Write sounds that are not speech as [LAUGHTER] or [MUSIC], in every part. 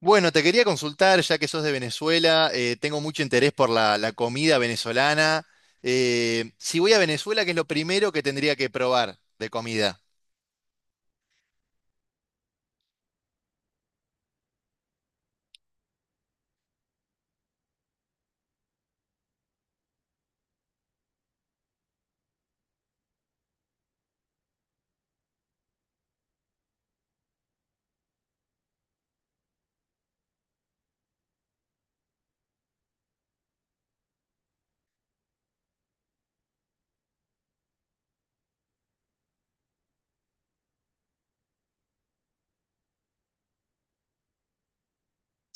Bueno, te quería consultar, ya que sos de Venezuela, tengo mucho interés por la comida venezolana. Si voy a Venezuela, ¿qué es lo primero que tendría que probar de comida?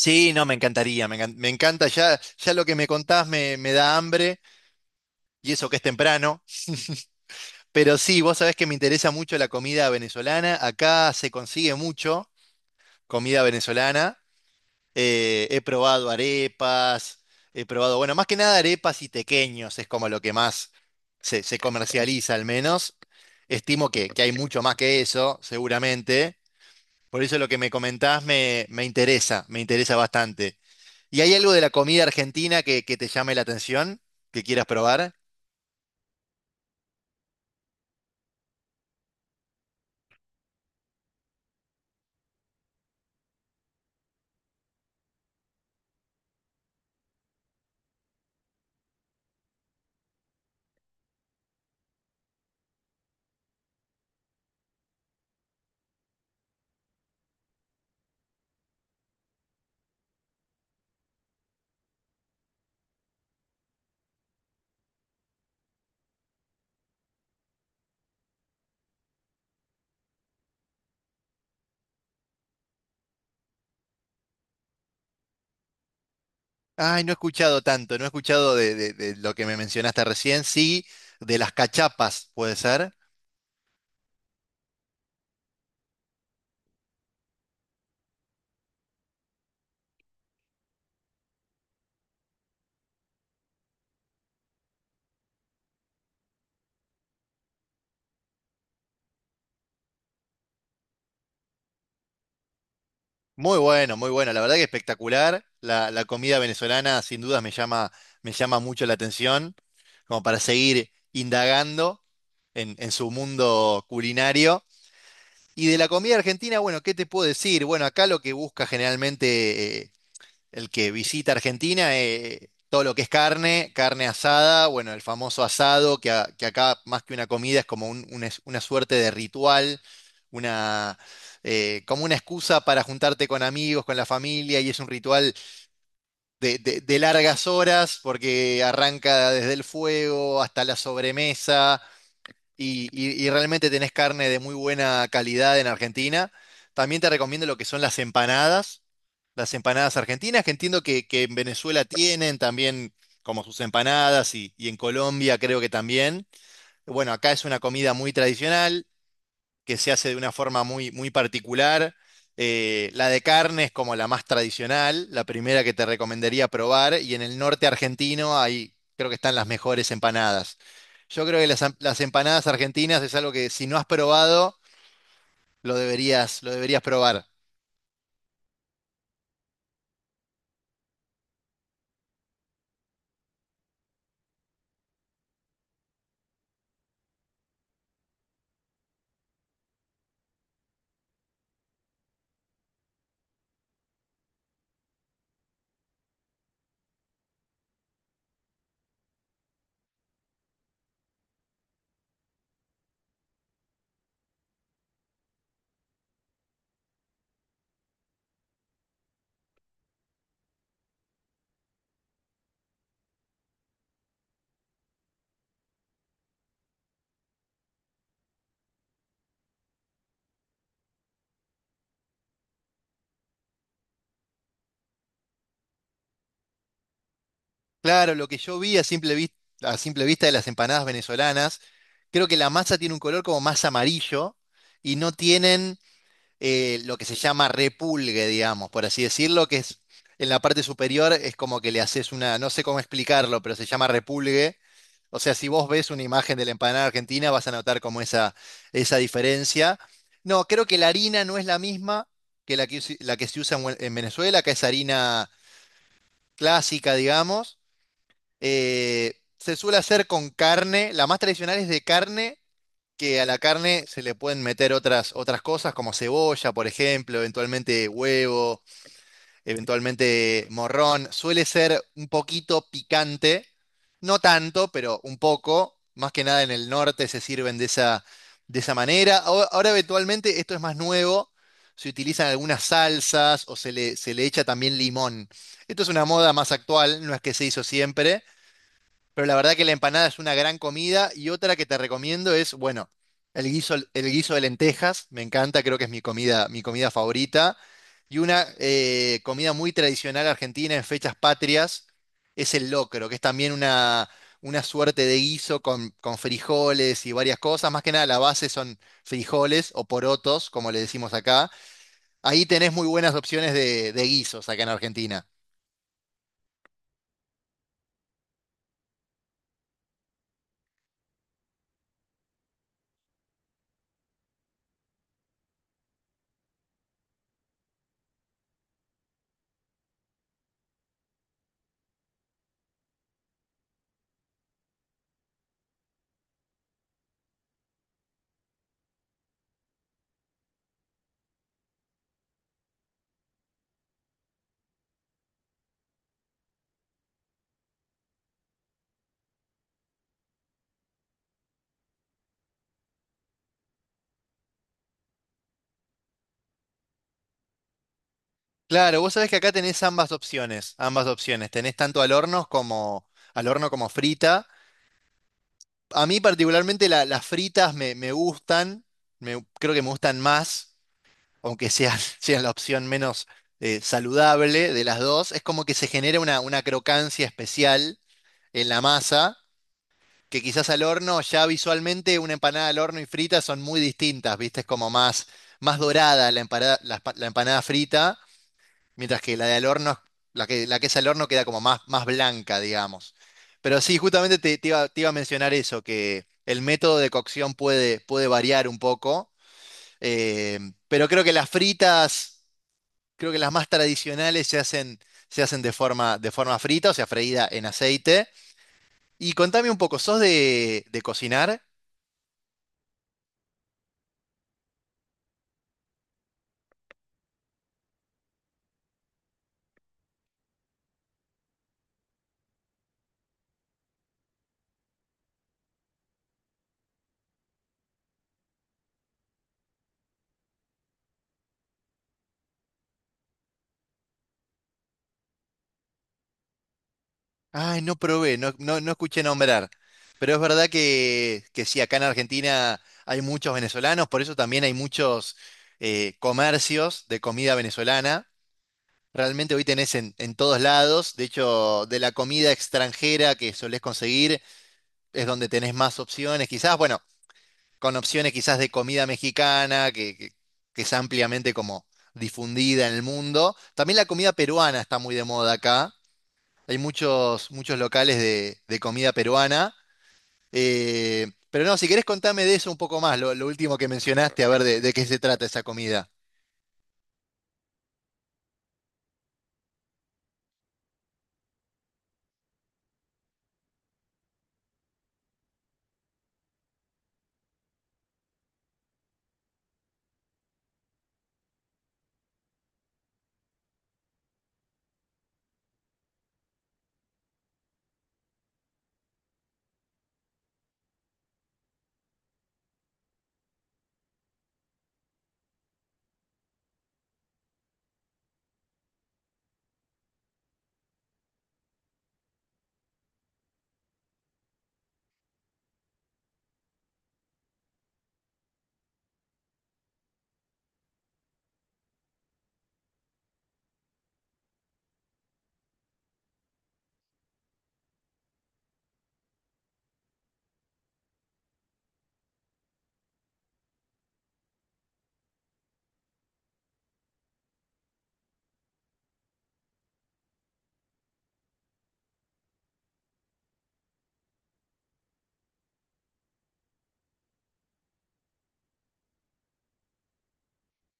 Sí, no, me encantaría, me encanta, ya lo que me contás me da hambre, y eso que es temprano, pero sí, vos sabés que me interesa mucho la comida venezolana, acá se consigue mucho comida venezolana. He probado arepas, he probado, bueno, más que nada arepas y tequeños es como lo que más se comercializa al menos. Estimo que hay mucho más que eso, seguramente. Por eso lo que me comentás me interesa bastante. ¿Y hay algo de la comida argentina que te llame la atención, que quieras probar? Ay, no he escuchado tanto, no he escuchado de lo que me mencionaste recién, sí, de las cachapas, puede ser. Muy bueno, muy bueno. La verdad que espectacular. La comida venezolana sin dudas me llama mucho la atención, como para seguir indagando en su mundo culinario. Y de la comida argentina, bueno, ¿qué te puedo decir? Bueno, acá lo que busca generalmente el que visita Argentina, todo lo que es carne, carne asada, bueno, el famoso asado, que, que acá más que una comida es como una, una suerte de ritual, una, como una excusa para juntarte con amigos, con la familia, y es un ritual de largas horas, porque arranca desde el fuego hasta la sobremesa, y, y realmente tenés carne de muy buena calidad en Argentina. También te recomiendo lo que son las empanadas argentinas, que entiendo que en Venezuela tienen también como sus empanadas y en Colombia creo que también. Bueno, acá es una comida muy tradicional que se hace de una forma muy, muy particular. La de carne es como la más tradicional, la primera que te recomendaría probar. Y en el norte argentino ahí creo que están las mejores empanadas. Yo creo que las empanadas argentinas es algo que si no has probado, lo deberías probar. Claro, lo que yo vi a simple vista de las empanadas venezolanas, creo que la masa tiene un color como más amarillo y no tienen lo que se llama repulgue, digamos, por así decirlo, que es en la parte superior es como que le haces una, no sé cómo explicarlo, pero se llama repulgue. O sea, si vos ves una imagen de la empanada argentina, vas a notar como esa diferencia. No, creo que la harina no es la misma que la que se usa en, en Venezuela, que es harina clásica, digamos. Se suele hacer con carne, la más tradicional es de carne que a la carne se le pueden meter otras, otras cosas como cebolla, por ejemplo, eventualmente huevo, eventualmente morrón. Suele ser un poquito picante, no tanto, pero un poco. Más que nada en el norte se sirven de esa manera. Ahora, ahora eventualmente esto es más nuevo. Se utilizan algunas salsas o se le echa también limón. Esto es una moda más actual, no es que se hizo siempre, pero la verdad que la empanada es una gran comida y otra que te recomiendo es, bueno, el guiso de lentejas, me encanta, creo que es mi comida favorita. Y una comida muy tradicional argentina en fechas patrias es el locro, que es también una suerte de guiso con frijoles y varias cosas. Más que nada la base son frijoles o porotos, como le decimos acá. Ahí tenés muy buenas opciones de guisos acá en Argentina. Claro, vos sabés que acá tenés ambas opciones, ambas opciones. Tenés tanto al horno como frita. A mí particularmente las fritas me, me gustan, creo que me gustan más, aunque sea [LAUGHS] sea la opción menos saludable de las dos, es como que se genera una crocancia especial en la masa, que quizás al horno, ya visualmente una empanada al horno y frita son muy distintas, ¿viste? Es como más, más dorada la empanada, la empanada frita, mientras que la de al horno, la que es al horno queda como más, más blanca, digamos. Pero sí, justamente te iba a mencionar eso, que el método de cocción puede, puede variar un poco. eh, pero creo que las fritas creo que las más tradicionales se hacen de forma frita, o sea, freída en aceite. Y contame un poco, ¿sos de cocinar? Ay, no probé, no, no, no escuché nombrar. Pero es verdad que sí, acá en Argentina hay muchos venezolanos, por eso también hay muchos comercios de comida venezolana. Realmente hoy tenés en todos lados, de hecho, de la comida extranjera que solés conseguir es donde tenés más opciones. Quizás, bueno, con opciones quizás de comida mexicana, que es ampliamente como difundida en el mundo. También la comida peruana está muy de moda acá. Hay muchos, muchos locales de comida peruana. Pero no, si querés contame de eso un poco más, lo último que mencionaste, a ver de qué se trata esa comida.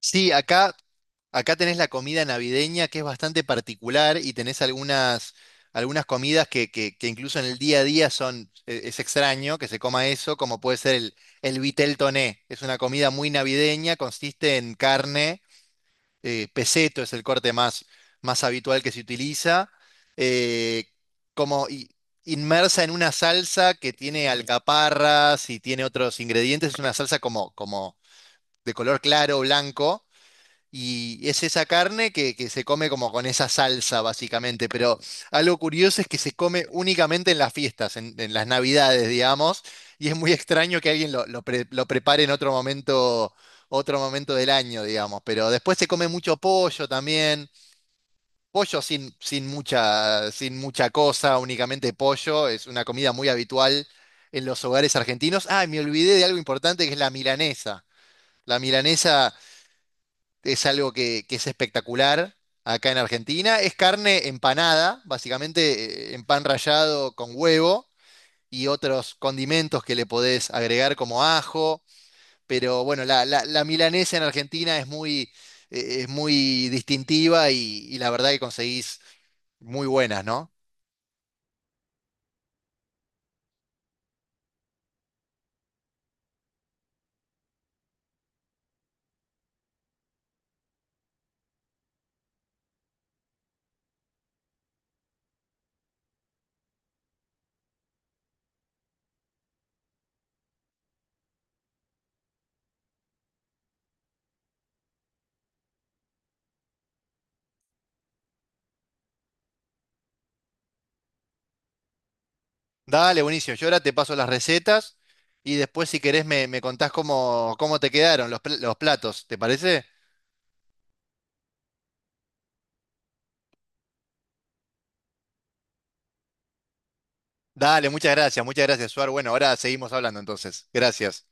Sí, acá acá tenés la comida navideña que es bastante particular y tenés algunas, algunas comidas que incluso en el día a día son, es extraño que se coma eso, como puede ser el vitel toné. Es una comida muy navideña, consiste en carne, peceto es el corte más, más habitual que se utiliza, eh, como inmersa en una salsa que tiene alcaparras y tiene otros ingredientes. Es una salsa como, como de color claro, blanco y es esa carne que se come como con esa salsa, básicamente. Pero algo curioso es que se come únicamente en las fiestas, en las navidades, digamos. Y es muy extraño que alguien lo prepare en otro momento del año, digamos. Pero después se come mucho pollo también. Pollo sin, sin mucha, sin mucha cosa, únicamente pollo. Es una comida muy habitual en los hogares argentinos. Ah, y me olvidé de algo importante que es la milanesa. La milanesa es algo que es espectacular acá en Argentina. Es carne empanada, básicamente en pan rallado con huevo y otros condimentos que le podés agregar como ajo. Pero bueno, la milanesa en Argentina es muy distintiva y la verdad que conseguís muy buenas, ¿no? Dale, buenísimo. Yo ahora te paso las recetas y después si querés me, me contás cómo, cómo te quedaron los, los platos, ¿te parece? Dale, muchas gracias, Suar. Bueno, ahora seguimos hablando entonces. Gracias.